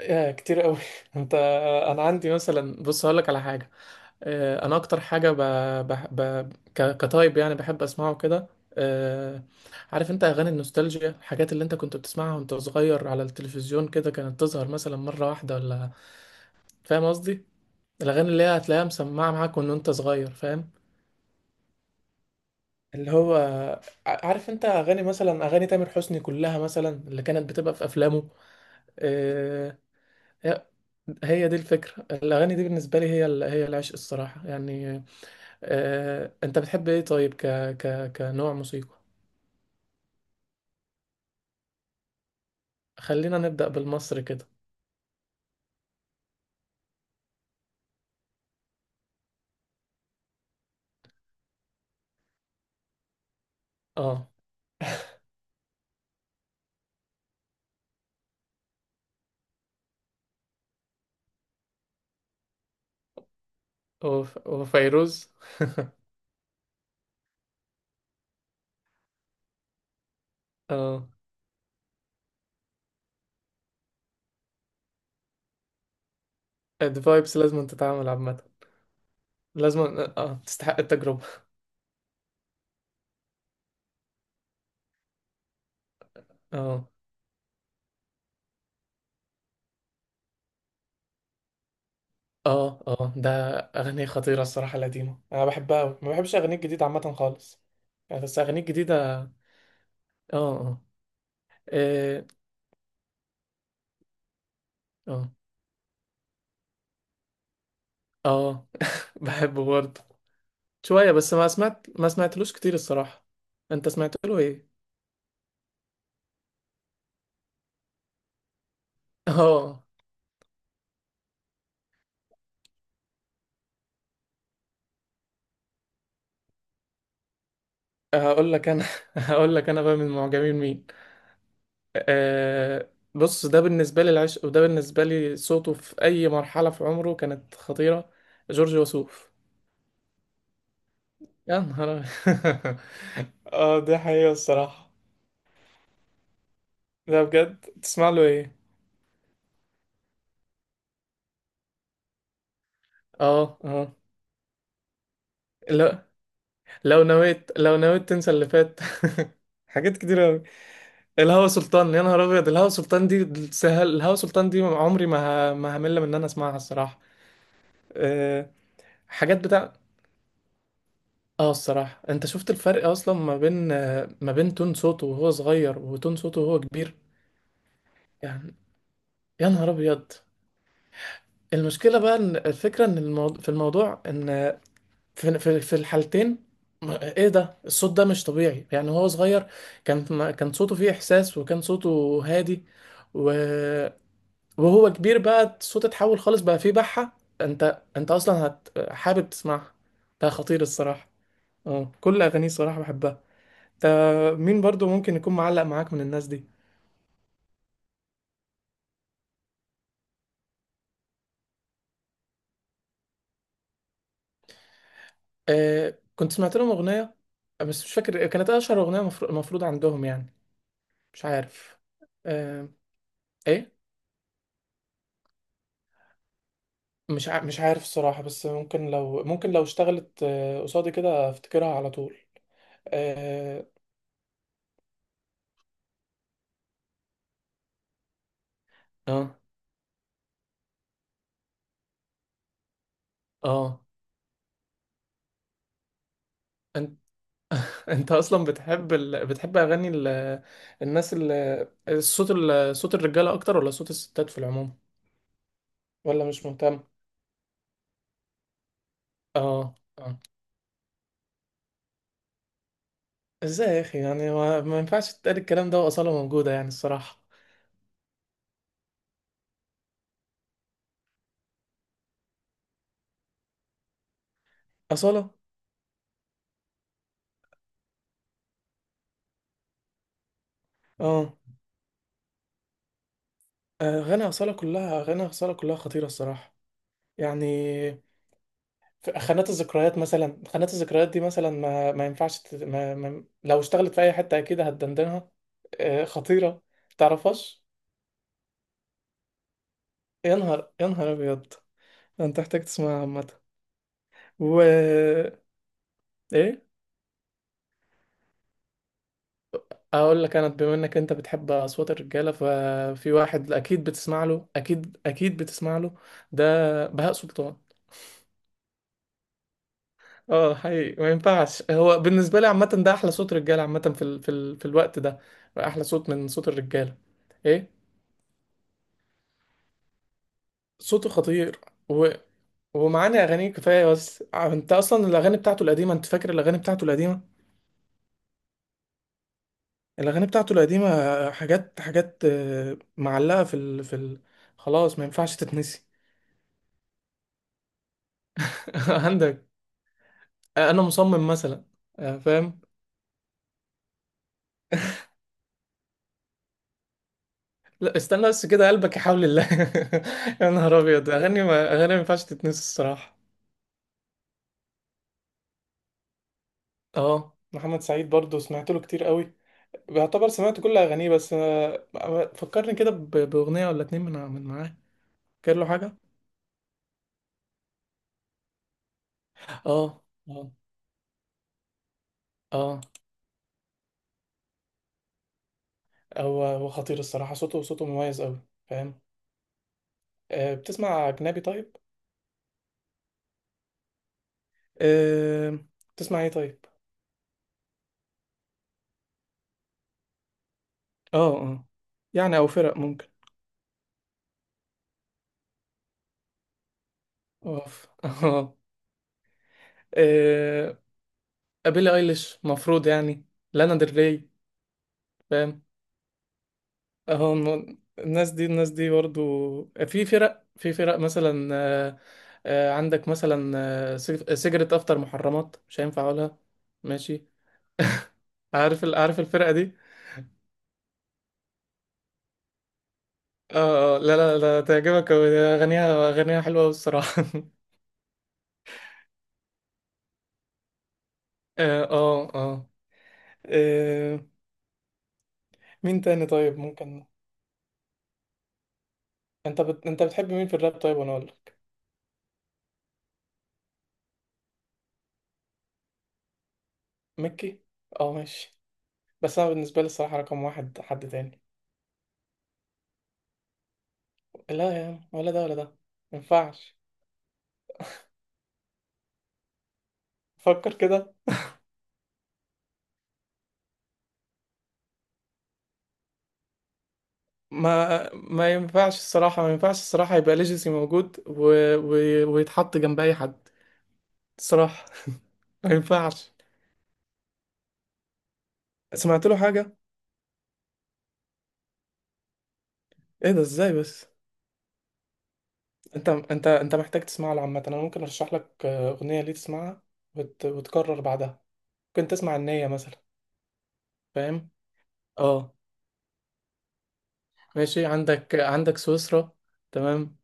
يا كتير قوي انت انا عندي مثلا بص هقول لك على حاجه. انا اكتر حاجه كتايب يعني بحب اسمعه كده. آه، عارف انت اغاني النوستالجيا، الحاجات اللي انت كنت بتسمعها وانت صغير على التلفزيون كده، كانت تظهر مثلا مره واحده ولا؟ فاهم قصدي، الاغاني اللي هي هتلاقيها مسمعه معاك وان انت صغير، فاهم؟ اللي هو عارف انت اغاني، مثلا اغاني تامر حسني كلها مثلا اللي كانت بتبقى في افلامه. آه، هي دي الفكرة. الأغاني دي بالنسبة لي هي هي العشق الصراحة يعني. أنت بتحب إيه طيب ك ك كنوع موسيقى؟ خلينا نبدأ بالمصري كده. أه وفيروز. أه الفايبس لازم تتعامل عامة، لازم. أه تستحق التجربة. أه أه أه ده أغنية خطيرة الصراحة، القديمة أنا بحبها أوي، ما بحبش أغاني الجديدة عامة خالص يعني، بس أغاني الجديدة. أه أه إيه، أه أه بحبه برضه شوية بس ما سمعتلوش كتير الصراحة. انت سمعت له ايه؟ اه. هقول لك انا، هقول لك انا بقى من معجبين مين. أه بص، ده بالنسبة لي العشق، وده بالنسبة لي صوته في اي مرحلة في عمره كانت خطيرة. جورج وسوف، يا نهار أبيض. اه دي حقيقة الصراحة. ده بجد، تسمع له ايه؟ اه اه. لو لو نويت، لو نويت تنسى اللي فات. حاجات كتير. الهوى سلطان، يا نهار ابيض. الهوى سلطان دي سهل، الهوى سلطان دي عمري ما ما همل من ان انا اسمعها الصراحه. أه حاجات بتاع. اه الصراحه انت شفت الفرق اصلا ما بين، آه، ما بين تون صوته وهو صغير وتون صوته وهو كبير يعني. يا نهار ابيض. المشكله بقى ان الفكره، ان الموضوع، في الموضوع ان في الحالتين. ايه ده، الصوت ده مش طبيعي يعني. هو صغير كان صوته فيه احساس، وكان صوته هادي، و... وهو كبير بقى الصوت اتحول خالص، بقى فيه بحة. انت اصلا حابب تسمعها. ده خطير الصراحة. اه كل اغانيه الصراحة بحبها. ده مين برضو ممكن يكون معلق معاك من الناس دي؟ آه كنت سمعت لهم اغنية، بس مش فاكر كانت اشهر اغنية مفروض عندهم يعني، مش عارف. آه، ايه. مش عارف الصراحة، بس ممكن لو، ممكن لو اشتغلت، آه، قصادي كده افتكرها على طول. اه اه آه. انت اصلا بتحب ال... بتحب اغاني ال... الناس ال... الصوت ال... صوت الرجاله اكتر ولا صوت الستات في العموم، ولا مش مهتم؟ اه اه. ازاي يا اخي يعني ما ينفعش تتقال الكلام ده واصاله موجوده يعني الصراحه. اصاله. اه اغاني اصاله كلها، اغاني اصاله كلها خطيره الصراحه يعني. في خانات الذكريات مثلا، خانات الذكريات دي مثلا ما ينفعش تت... ما... ما... لو اشتغلت في اي حته اكيد هتدندنها. آه، خطيره. تعرفهاش؟ يا نهار، يا نهار ابيض. انت محتاج تسمعها عامة. و ايه، اقول لك انا، بما انك انت بتحب اصوات الرجاله ففي واحد اكيد بتسمع له، اكيد اكيد بتسمع له. ده بهاء سلطان. اه حقيقي ما ينفعش، هو بالنسبه لي عامه ده احلى صوت رجاله عامه في ال... في ال... في الوقت ده، احلى صوت من صوت الرجاله. ايه صوته خطير، و... ومعاني اغانيه كفايه. بس انت اصلا الاغاني بتاعته القديمه، انت فاكر الاغاني بتاعته القديمه، الاغاني بتاعته القديمه حاجات حاجات، آه، معلقه في ال... في ال... خلاص ما ينفعش تتنسي. عندك. انا مصمم مثلا، آه، فاهم. لا استنى بس كده قلبك يحاول الله. يا نهار ابيض، اغاني، ما ينفعش تتنسي الصراحه. اه محمد سعيد برضو سمعت له كتير قوي، بيعتبر سمعت كل اغانيه، بس، آه، آه، فكرني كده باغنيه ولا اتنين من معاه. فاكر له حاجه؟ اه اه اه. هو خطير الصراحه، صوته صوته مميز قوي، فاهم. آه، بتسمع اجنبي طيب؟ أه... تسمع ايه طيب؟ اه اه يعني، او فرق ممكن. اوف اه. أه... بيلي ايليش مفروض يعني، لانا ديل ري، فاهم. اه الناس دي، الناس دي برضو. في فرق، مثلا، آه، آه، عندك مثلا، آه، سيجرت افتر محرمات، مش هينفع اقولها ماشي. عارف ال... عارف الفرقة دي؟ اه اه لا لا لا، تعجبك أوي، اغانيها اغانيها حلوة أوي الصراحة. اه اه اه. آه، مين تاني طيب ممكن. انت بت... انت بتحب مين في الراب طيب وانا اقول لك؟ ميكي، اه ماشي. بس انا بالنسبه لي الصراحه رقم واحد حد تاني. لا يا عم، ولا ده ولا ده، ما ينفعش. فكر كده. ما ينفعش الصراحه، ما ينفعش الصراحه يبقى ليجاسي موجود و... و... ويتحط جنب اي حد الصراحه. ما ينفعش. سمعت له حاجه؟ ايه ده ازاي بس. انت محتاج تسمع له عامه، انا ممكن ارشح لك، آه، اغنيه ليه تسمعها وتكرر بعدها. ممكن تسمع النية مثلا، فاهم. اه ماشي. عندك سويسرا، تمام.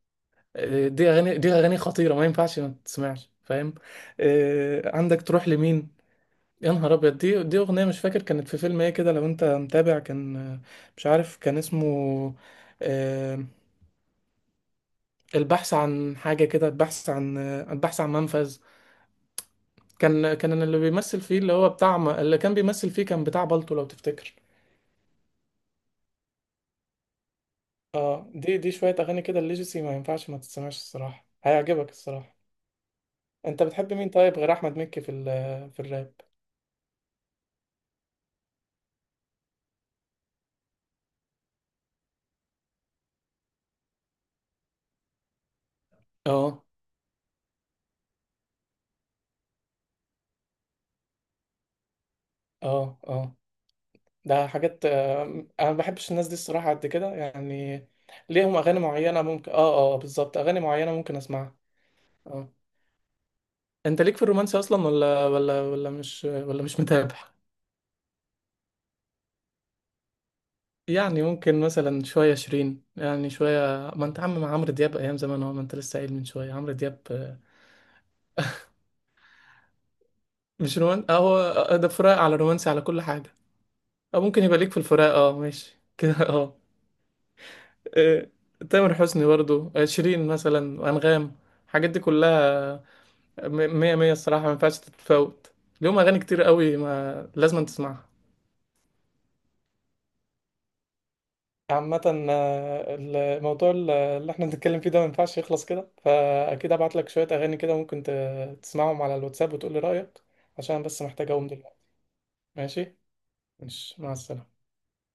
آه، دي اغاني، خطيره ما ينفعش ما تسمعش فاهم. آه، عندك تروح لمين. يا نهار ابيض، دي اغنيه مش فاكر كانت في فيلم ايه كده، لو انت متابع كان، آه، مش عارف كان اسمه، آه، البحث عن حاجه كده، البحث عن، آه، البحث عن منفذ. كان اللي بيمثل فيه اللي هو بتاع اللي كان بيمثل فيه كان بتاع بالطو لو تفتكر. اه دي دي شويه اغاني كده الليجسي، ما ينفعش ما تسمعش الصراحه، هيعجبك الصراحه. انت بتحب مين طيب غير احمد مكي في في الراب؟ اه اه اه ده حاجات، آه، انا ما بحبش الناس دي الصراحه قد كده يعني. ليهم اغاني معينه ممكن، اه اه بالظبط، اغاني معينه ممكن اسمعها. اه انت ليك في الرومانسي اصلا ولا مش متابع؟ يعني ممكن مثلا شويه شيرين، يعني شويه، ما انت عم مع عمرو دياب ايام زمان، هو ما انت لسه قايل من شويه عمرو دياب، آه، مش رومان. اه هو، آه، ده فراق على رومانسي على كل حاجه، او ممكن يبقى ليك في الفراق، اه ماشي. كده اه. آه، تامر حسني برضو، آه، شيرين مثلا، انغام، الحاجات دي كلها مية مية الصراحة، ما ينفعش تتفوت. ليهم أغاني كتير قوي ما لازم تسمعها عامة. آه، الموضوع اللي احنا بنتكلم فيه ده ما ينفعش يخلص كده، فأكيد هبعت لك شوية أغاني كده ممكن تسمعهم على الواتساب وتقول لي رأيك، عشان بس محتاج أقوم دلوقتي. ماشي؟ ماشي، مع السلامة.